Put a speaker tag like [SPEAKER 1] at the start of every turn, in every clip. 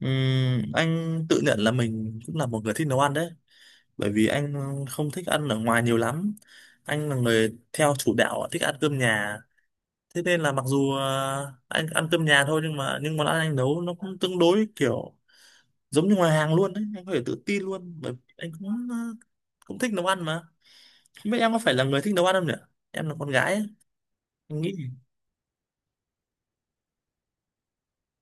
[SPEAKER 1] Anh tự nhận là mình cũng là một người thích nấu ăn đấy, bởi vì anh không thích ăn ở ngoài nhiều lắm. Anh là người theo chủ đạo thích ăn cơm nhà. Thế nên là mặc dù anh ăn cơm nhà thôi, nhưng mà món ăn anh nấu nó cũng tương đối kiểu giống như ngoài hàng luôn đấy. Anh có thể tự tin luôn, bởi vì anh cũng cũng thích nấu ăn mà. Không biết em có phải là người thích nấu ăn không nhỉ, em là con gái ấy. Anh nghĩ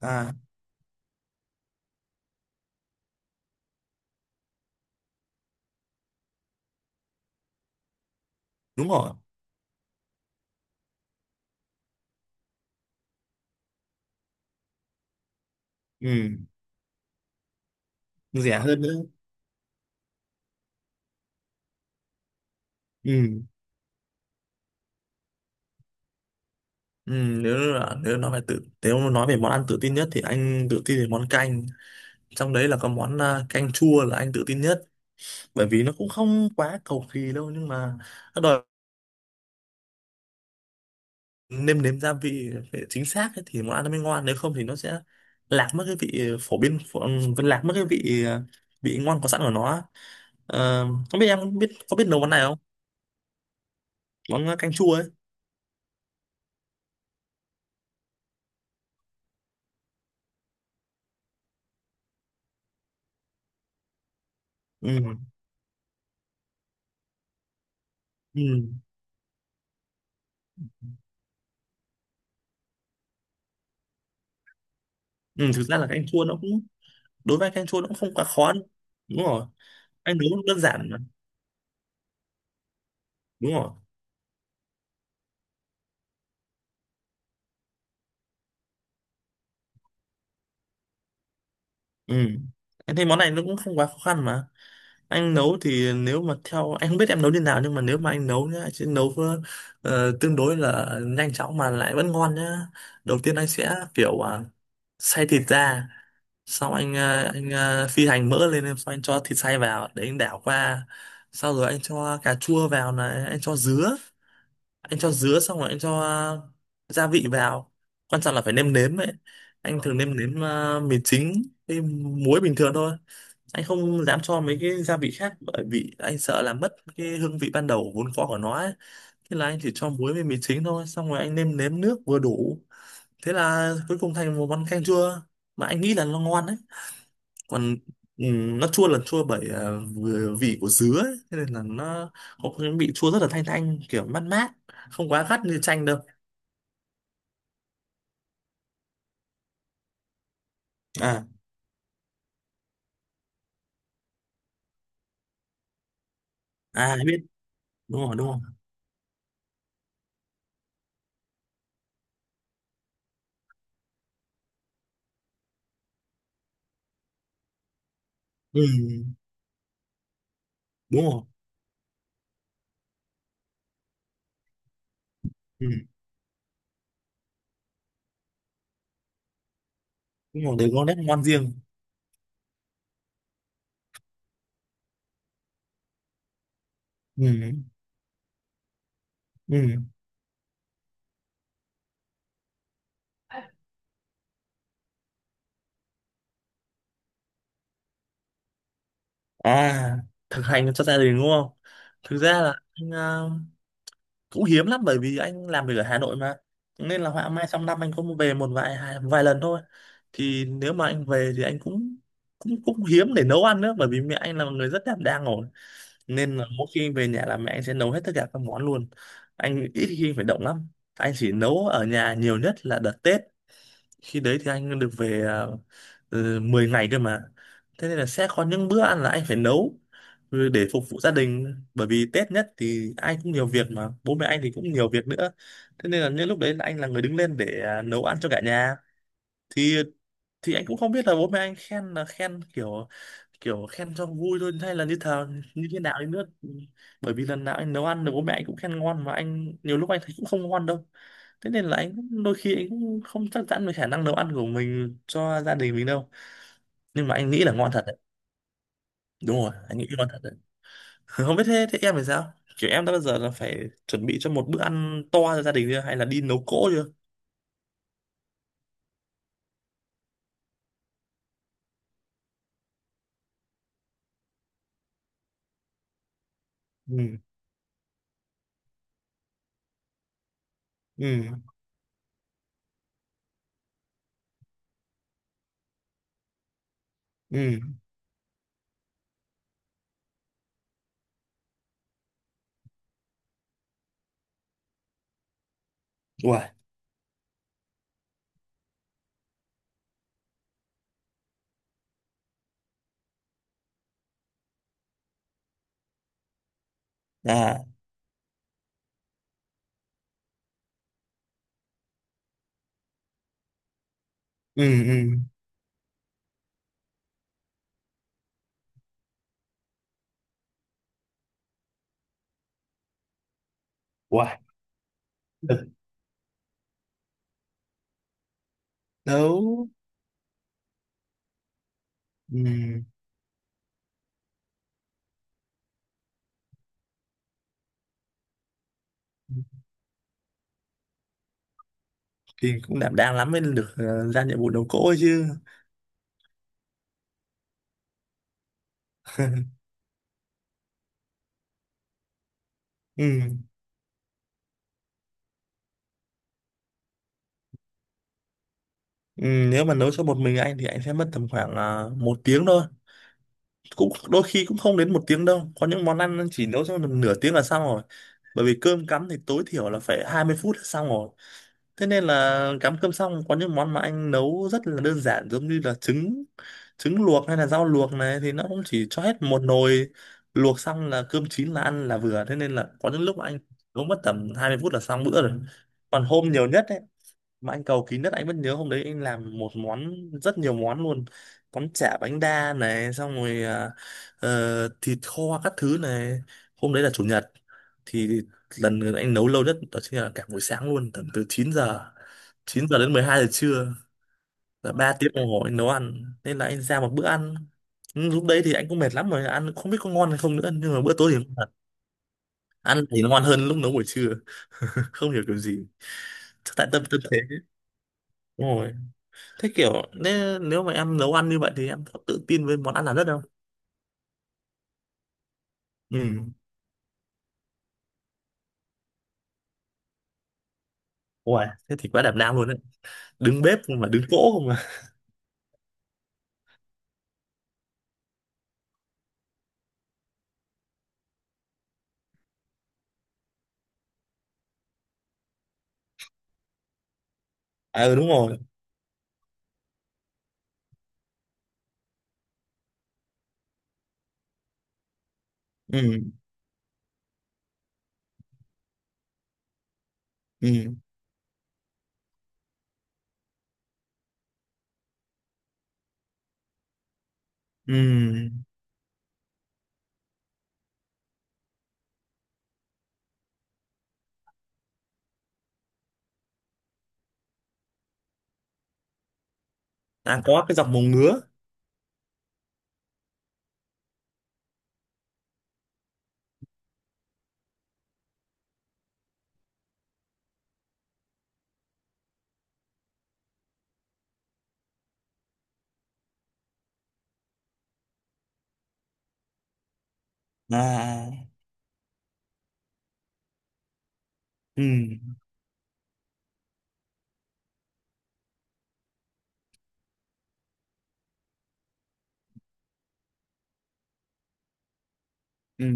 [SPEAKER 1] à, đúng rồi. Ừ, rẻ hơn nữa. Ừ. Ừ, nếu mà nói về món ăn tự tin nhất thì anh tự tin về món canh, trong đấy là có món canh chua là anh tự tin nhất. Bởi vì nó cũng không quá cầu kỳ đâu, nhưng mà nó đòi nêm nếm gia vị phải chính xác ấy, thì món ăn nó mới ngon, nếu không thì nó sẽ lạc mất cái vị phổ biến phổ, ừ, vẫn lạc mất cái vị vị ngon có sẵn của nó. Ờ, Không biết em có biết nấu món này không, món canh chua ấy. Ừ. Ừ. Ừ, thực ra là canh chua nó cũng, đối với anh canh chua nó cũng không quá khó đâu. Đúng rồi, anh nấu đơn giản. Đúng rồi. Ừ, em thấy món này nó cũng không quá khó khăn mà. Anh nấu thì, nếu mà theo anh, không biết em nấu như nào, nhưng mà nếu mà anh nấu nhá, anh sẽ nấu tương đối là nhanh chóng mà lại vẫn ngon nhá. Đầu tiên anh sẽ kiểu xay thịt ra, xong anh phi hành mỡ lên, xong anh cho thịt xay vào để anh đảo qua. Sau rồi anh cho cà chua vào này, anh cho dứa, xong rồi anh cho gia vị vào. Quan trọng là phải nêm nếm ấy. Anh thường nêm nếm mì chính với muối bình thường thôi. Anh không dám cho mấy cái gia vị khác, bởi vì anh sợ là mất cái hương vị ban đầu vốn có của nó ấy. Thế là anh chỉ cho muối với mì chính thôi, xong rồi anh nêm nếm nước vừa đủ. Thế là cuối cùng thành một món canh chua mà anh nghĩ là nó ngon đấy. Còn nó chua là chua bởi vừa vị của dứa ấy. Thế nên là nó có cái vị chua rất là thanh thanh, kiểu mát mát, không quá gắt như chanh đâu. À, à biết. Đúng rồi, đúng rồi. Ừ. Đúng rồi. Ừ, đúng rồi, đều có nét ngoan riêng. Ừ. Ừ. À, thực hành cho gia đình đúng không. Thực ra là anh cũng hiếm lắm, bởi vì anh làm việc ở Hà Nội mà, nên là họa mai trong năm anh cũng về một vài vài lần thôi. Thì nếu mà anh về thì anh cũng cũng cũng hiếm để nấu ăn nữa, bởi vì mẹ anh là một người rất đảm đang rồi, nên là mỗi khi về nhà là mẹ anh sẽ nấu hết tất cả các món luôn, anh ít khi phải động lắm. Anh chỉ nấu ở nhà nhiều nhất là đợt Tết, khi đấy thì anh được về 10 ngày cơ mà. Thế nên là sẽ có những bữa ăn là anh phải nấu, ừ, để phục vụ gia đình, bởi vì Tết nhất thì ai cũng nhiều việc mà bố mẹ anh thì cũng nhiều việc nữa. Thế nên là những lúc đấy là anh là người đứng lên để nấu ăn cho cả nhà. thì thì anh cũng không biết là bố mẹ anh khen là khen kiểu kiểu khen cho vui thôi hay là như như thế nào đi nữa, bởi vì lần nào anh nấu ăn được bố mẹ anh cũng khen ngon, mà anh nhiều lúc anh thấy cũng không ngon đâu. Thế nên là đôi khi anh cũng không chắc chắn về khả năng nấu ăn của mình cho gia đình mình đâu, nhưng mà anh nghĩ là ngon thật đấy. Đúng rồi, anh nghĩ ngon thật đấy. Không biết thế, thế em thì sao, kiểu em đã bao giờ là phải chuẩn bị cho một bữa ăn to cho gia đình chưa, hay là đi nấu cỗ chưa. Ừ. Ừ. Ừ. Uầy. À. Ừ. Ừ. Uầy. Nấu. Ừ thì cũng đảm đang lắm mới được ra nhiệm vụ đầu cỗ ấy chứ. Ừ. Ừ, nếu mà nấu cho một mình anh thì anh sẽ mất tầm khoảng một tiếng thôi, cũng đôi khi cũng không đến một tiếng đâu, có những món ăn chỉ nấu cho nửa tiếng là xong rồi. Bởi vì cơm cắm thì tối thiểu là phải 20 phút là xong rồi. Thế nên là cắm cơm xong có những món mà anh nấu rất là đơn giản, giống như là trứng trứng luộc hay là rau luộc này thì nó cũng chỉ cho hết một nồi, luộc xong là cơm chín là ăn là vừa. Thế nên là có những lúc mà anh nấu mất tầm 20 phút là xong bữa rồi. Còn hôm nhiều nhất ấy, mà anh cầu kín đất, anh vẫn nhớ hôm đấy anh làm một món, rất nhiều món luôn, món chả bánh đa này, xong rồi thịt kho các thứ này. Hôm đấy là chủ nhật, thì lần anh nấu lâu nhất đó chính là cả buổi sáng luôn, tầm từ 9 giờ đến 12 giờ trưa, là 3 tiếng đồng hồ anh nấu ăn nên là anh ra một bữa ăn. Ừ, lúc đấy thì anh cũng mệt lắm rồi, ăn không biết có ngon hay không nữa, nhưng mà bữa tối thì ngon thật, ăn thì nó ngon hơn lúc nấu buổi trưa. Không hiểu kiểu gì, chắc tại tâm tâm thế. Đúng rồi. Thế kiểu, nếu mà em nấu ăn như vậy thì em có tự tin với món ăn là rất không? Ừ. Ủa, thế thì quá đảm đang luôn đấy. Đứng bếp không mà đứng cỗ không mà. À ừ đúng rồi. Ừ. Ừ. Ừ. À, có cái dọc mồng ngứa. À. À, à. Ừ. Ừ.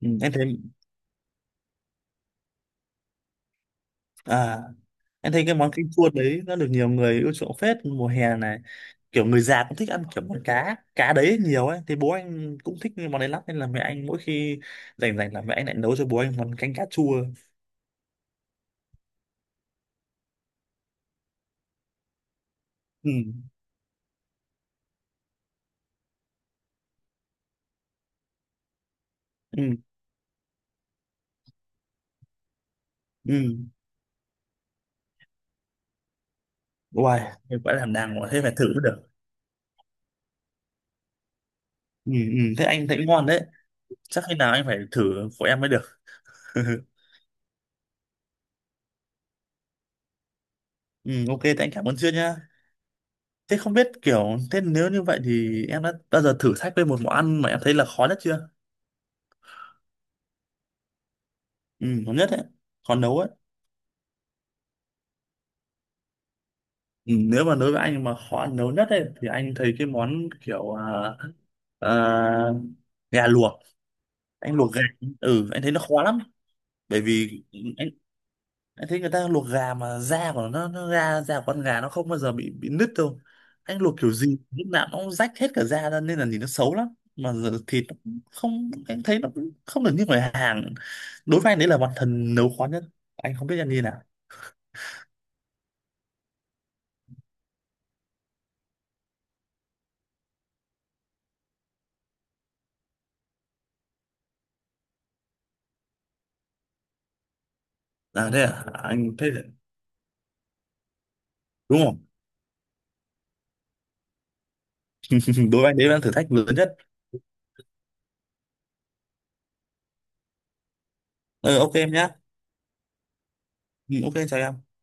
[SPEAKER 1] Ừ. Em thấy à em thấy cái món canh chua đấy nó được nhiều người ưa chuộng phết mùa hè này. Kiểu người già cũng thích ăn kiểu món cá đấy nhiều ấy. Thì bố anh cũng thích cái món đấy lắm, nên là mẹ anh mỗi khi rảnh rảnh là mẹ anh lại nấu cho bố anh món canh cá chua. Ừ. Ừ. Ừ. Uầy, em quả làm đàng quá, thế phải thử mới được. Ừ, thế anh thấy ngon đấy. Chắc khi nào anh phải thử của em mới được. Ừ, ok thế anh cảm ơn chưa nhá. Thế không biết kiểu, thế nếu như vậy thì em đã bao giờ thử thách với một món ăn mà em thấy là khó nhất chưa. Ừ khó nhất đấy, khó nấu ấy. Ừ, nếu mà đối với anh mà khó nấu nhất ấy thì anh thấy cái món kiểu à, gà luộc, anh luộc gà. Ừ anh thấy nó khó lắm, bởi vì anh thấy người ta luộc gà mà da của nó ra da của con gà nó không bao giờ bị nứt đâu. Anh luộc kiểu gì lúc nào nó cũng rách hết cả da ra, nên là nhìn nó xấu lắm. Mà giờ thịt nó cũng không, anh thấy nó cũng không được như ngoài hàng. Đối với anh đấy là bản thân nấu khó nhất, anh không biết anh như nào. À thế à, anh thấy đúng không. Đối với anh đấy là thử thách lớn nhất. Ờ ok em nhá. Ừ, ok chào em.